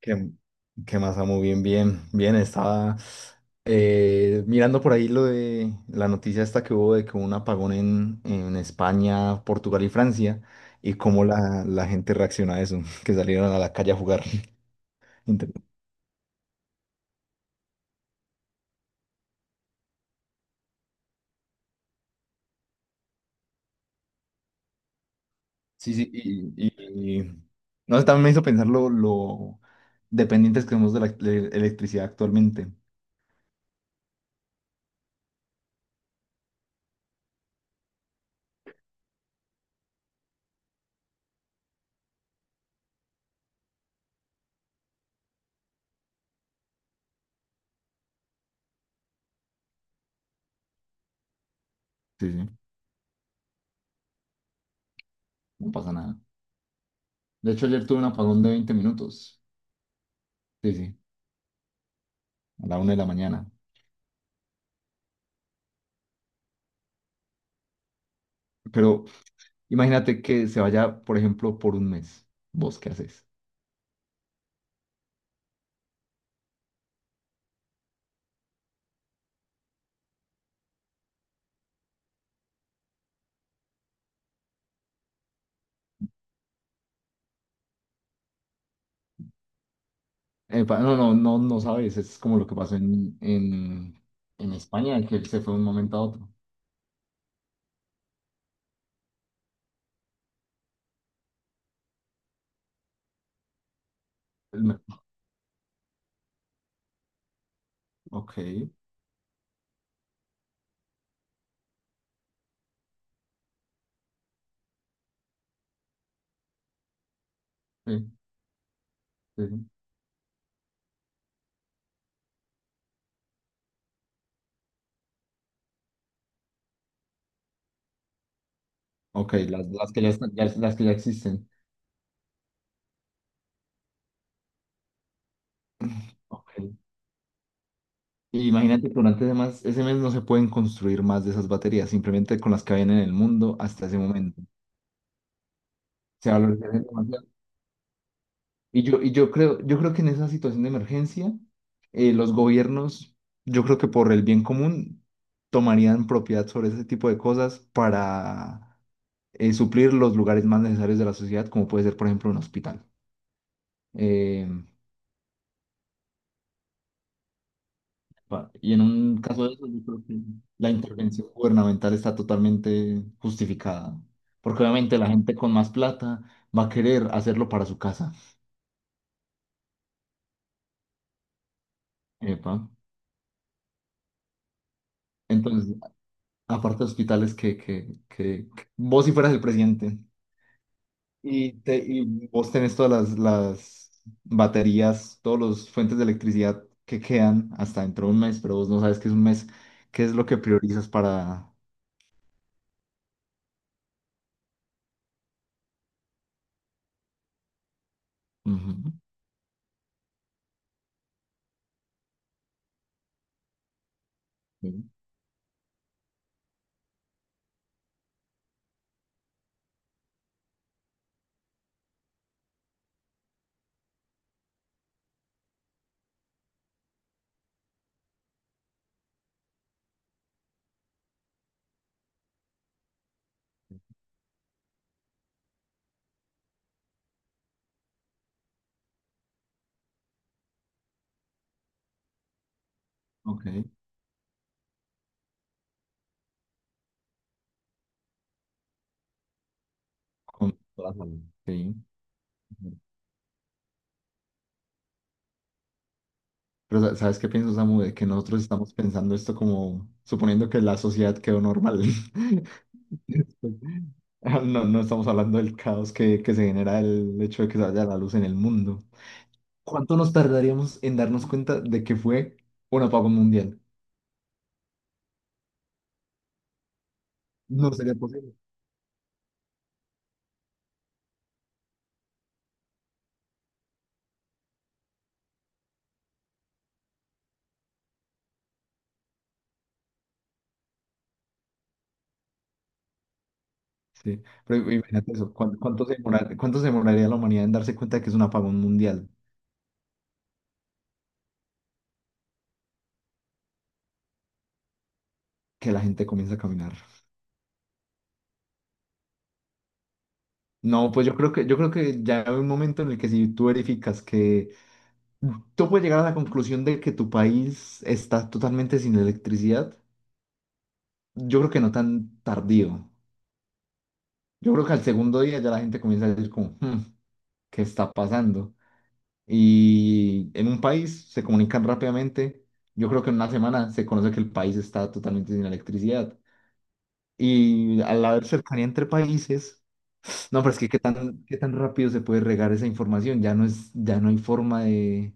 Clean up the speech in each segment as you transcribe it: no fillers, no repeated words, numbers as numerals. ¿Qué, qué más, amo? Bien, bien, bien. Estaba mirando por ahí lo de la noticia esta que hubo de que hubo un apagón en España, Portugal y Francia y cómo la gente reacciona a eso, que salieron a la calle a jugar. Inter- Sí, sí, no sé, también me hizo pensar lo dependientes que somos de la electricidad actualmente. Sí, sí, no pasa nada. De hecho, ayer tuve un apagón de 20 minutos. Sí, sí, a la 1 de la mañana. Pero imagínate que se vaya, por ejemplo, por un mes. ¿Vos qué haces? No, no, no, no sabes. Es como lo que pasó en España, que él se fue de un momento a otro. El me- Ok, sí, sí, sí. Ok, las que ya las que ya existen. Ok. Y imagínate que durante ese mes no se pueden construir más de esas baterías, simplemente con las que habían en el mundo hasta ese momento. Se valorizan. Yo creo que en esa situación de emergencia, los gobiernos, yo creo que por el bien común, tomarían propiedad sobre ese tipo de cosas para suplir los lugares más necesarios de la sociedad, como puede ser, por ejemplo, un hospital. Eh, y en un caso de eso, yo creo que la intervención gubernamental está totalmente justificada, porque obviamente la gente con más plata va a querer hacerlo para su casa. Epa. Entonces, aparte de hospitales que vos si fueras el presidente y vos tenés todas las baterías, todos los fuentes de electricidad que quedan hasta dentro de un mes, pero vos no sabes qué es un mes, qué es lo que priorizas para... Ujú, sí, ok, con toda la salud, sí. Ujú. ¿Sabes qué pienso, Samu? De que nosotros estamos pensando esto como suponiendo que la sociedad quedó normal. Ah, no, no estamos hablando del caos que se genera el hecho de que se vaya la luz en el mundo. ¿Cuánto nos tardaríamos en darnos cuenta de que fue un apagón mundial? No sería posible. Sí, pero imagínate eso. ¿Cuánto se cuánto se demoraría la humanidad en darse cuenta de que es un apagón mundial? Que la gente comienza a caminar. No, pues yo creo que ya hay un momento en el que si tú verificas que tú puedes llegar a la conclusión de que tu país está totalmente sin electricidad, yo creo que no tan tardío. Yo creo que al segundo día ya la gente comienza a decir como: "Hmm, ¿qué está pasando?". Y en un país se comunican rápidamente. Yo creo que en una semana se conoce que el país está totalmente sin electricidad. Y al haber cercanía entre países, no, pero es que qué tan rápido se puede regar esa información. Ya no hay forma de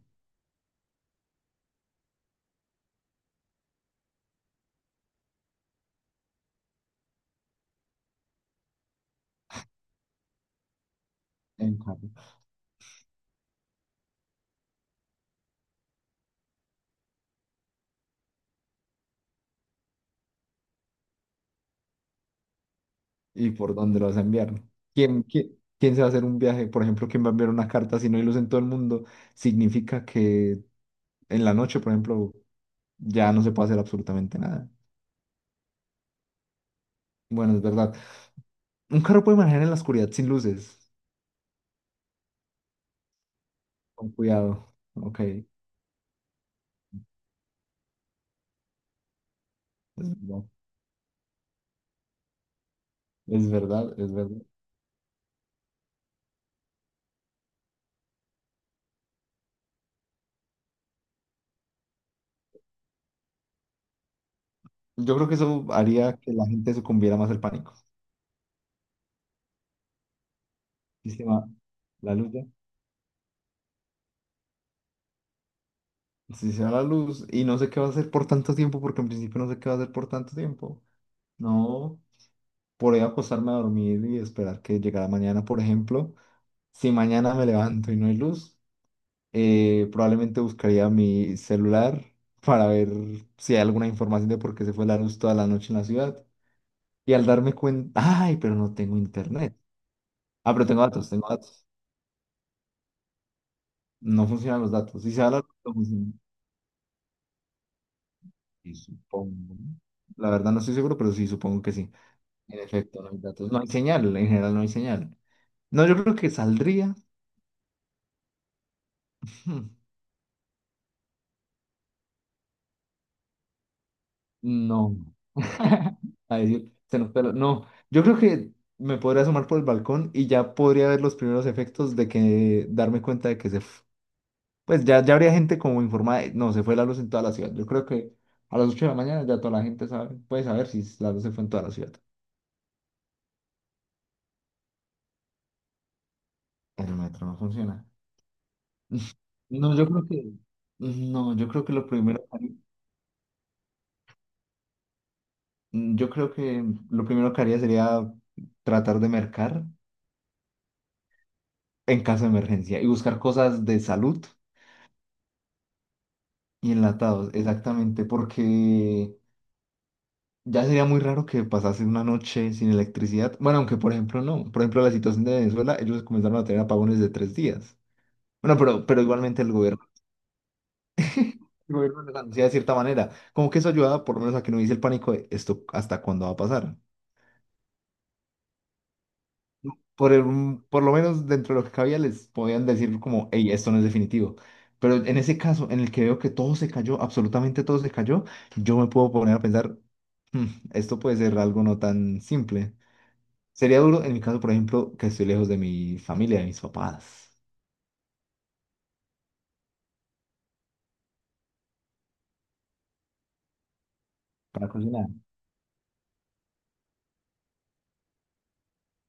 enviarlo. ¿Y por dónde lo vas a enviar? ¿Quién se va a hacer un viaje? Por ejemplo, ¿quién va a enviar una carta si no hay luz en todo el mundo? Significa que en la noche, por ejemplo, ya no se puede hacer absolutamente nada. Bueno, es verdad. Un carro puede manejar en la oscuridad sin luces. Con cuidado. Ok, es verdad. Es verdad, es verdad. Yo creo que eso haría que la gente sucumbiera más al pánico. Si se va la luz ya. Si se va la luz y no sé qué va a hacer por tanto tiempo, porque en principio no sé qué va a hacer por tanto tiempo. No, por ahí acostarme a dormir y esperar que llegara mañana, por ejemplo. Si mañana me levanto y no hay luz. Probablemente buscaría mi celular para ver si hay alguna información de por qué se fue la luz toda la noche en la ciudad. Y al darme cuenta, ay, pero no tengo internet. Ah, pero tengo datos, tengo datos. No funcionan los datos. Si se va la luz, no funciona. Sí, supongo. La verdad no estoy seguro, pero sí, supongo que sí. En efecto, no hay datos. No hay señal, en general no hay señal. No, yo creo que saldría. No. Ay, Dios, se nos peló. No, yo creo que me podría asomar por el balcón y ya podría ver los primeros efectos de que darme cuenta de que se. Pues ya, ya habría gente como informada de: "No, se fue la luz en toda la ciudad". Yo creo que a las 8 de la mañana ya toda la gente sabe, puede saber si la luz se fue en toda la ciudad. El metro no funciona. No, yo creo que... No, yo creo que lo primero... Yo creo que lo primero que haría sería tratar de mercar en caso de emergencia y buscar cosas de salud. Y enlatados, exactamente, porque ya sería muy raro que pasase una noche sin electricidad. Bueno, aunque por ejemplo no. Por ejemplo, la situación de Venezuela, ellos comenzaron a tener apagones de 3 días. Bueno, pero igualmente el gobierno les anuncia de cierta manera. Como que eso ayuda por lo menos a que no hubiese el pánico de esto hasta cuándo va a pasar. Por lo menos dentro de lo que cabía les podían decir como: "Hey, esto no es definitivo". Pero en ese caso, en el que veo que todo se cayó, absolutamente todo se cayó, yo me puedo poner a pensar: "Hmm, esto puede ser algo no tan simple". Sería duro en mi caso, por ejemplo, que estoy lejos de mi familia, de mis papás, para cocinar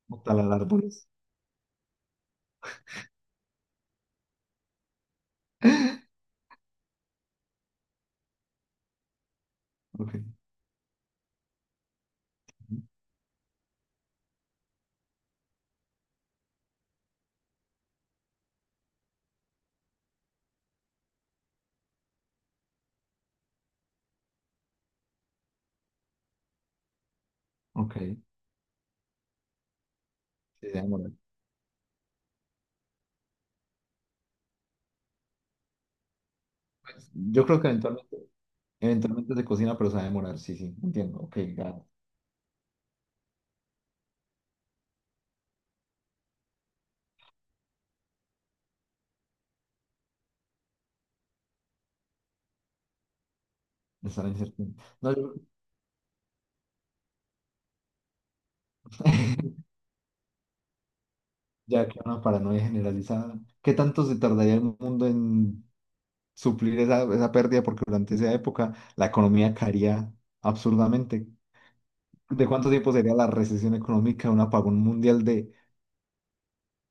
o talar árboles. Ok, ok, sí, se va a demorar. Pues, yo creo que eventualmente se cocina, pero se va a demorar, sí, sí, entiendo. Ok, ya, está la incertidumbre. No, yo. Ya que una paranoia generalizada. ¿Qué tanto se tardaría el mundo en suplir esa pérdida? Porque durante esa época la economía caería absurdamente. ¿De cuánto tiempo sería la recesión económica, un apagón mundial de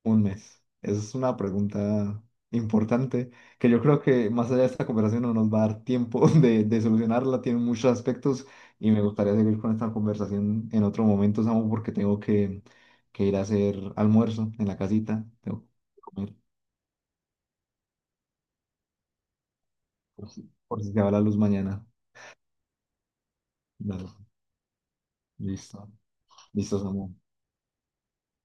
un mes? Esa es una pregunta importante que yo creo que más allá de esta conversación no nos va a dar tiempo de solucionarla. Tiene muchos aspectos y me gustaría seguir con esta conversación en otro momento, Samu, porque tengo que ir a hacer almuerzo en la casita. Tengo que comer. Por si, por si se va la luz mañana. Dale, listo. Listo, Samu.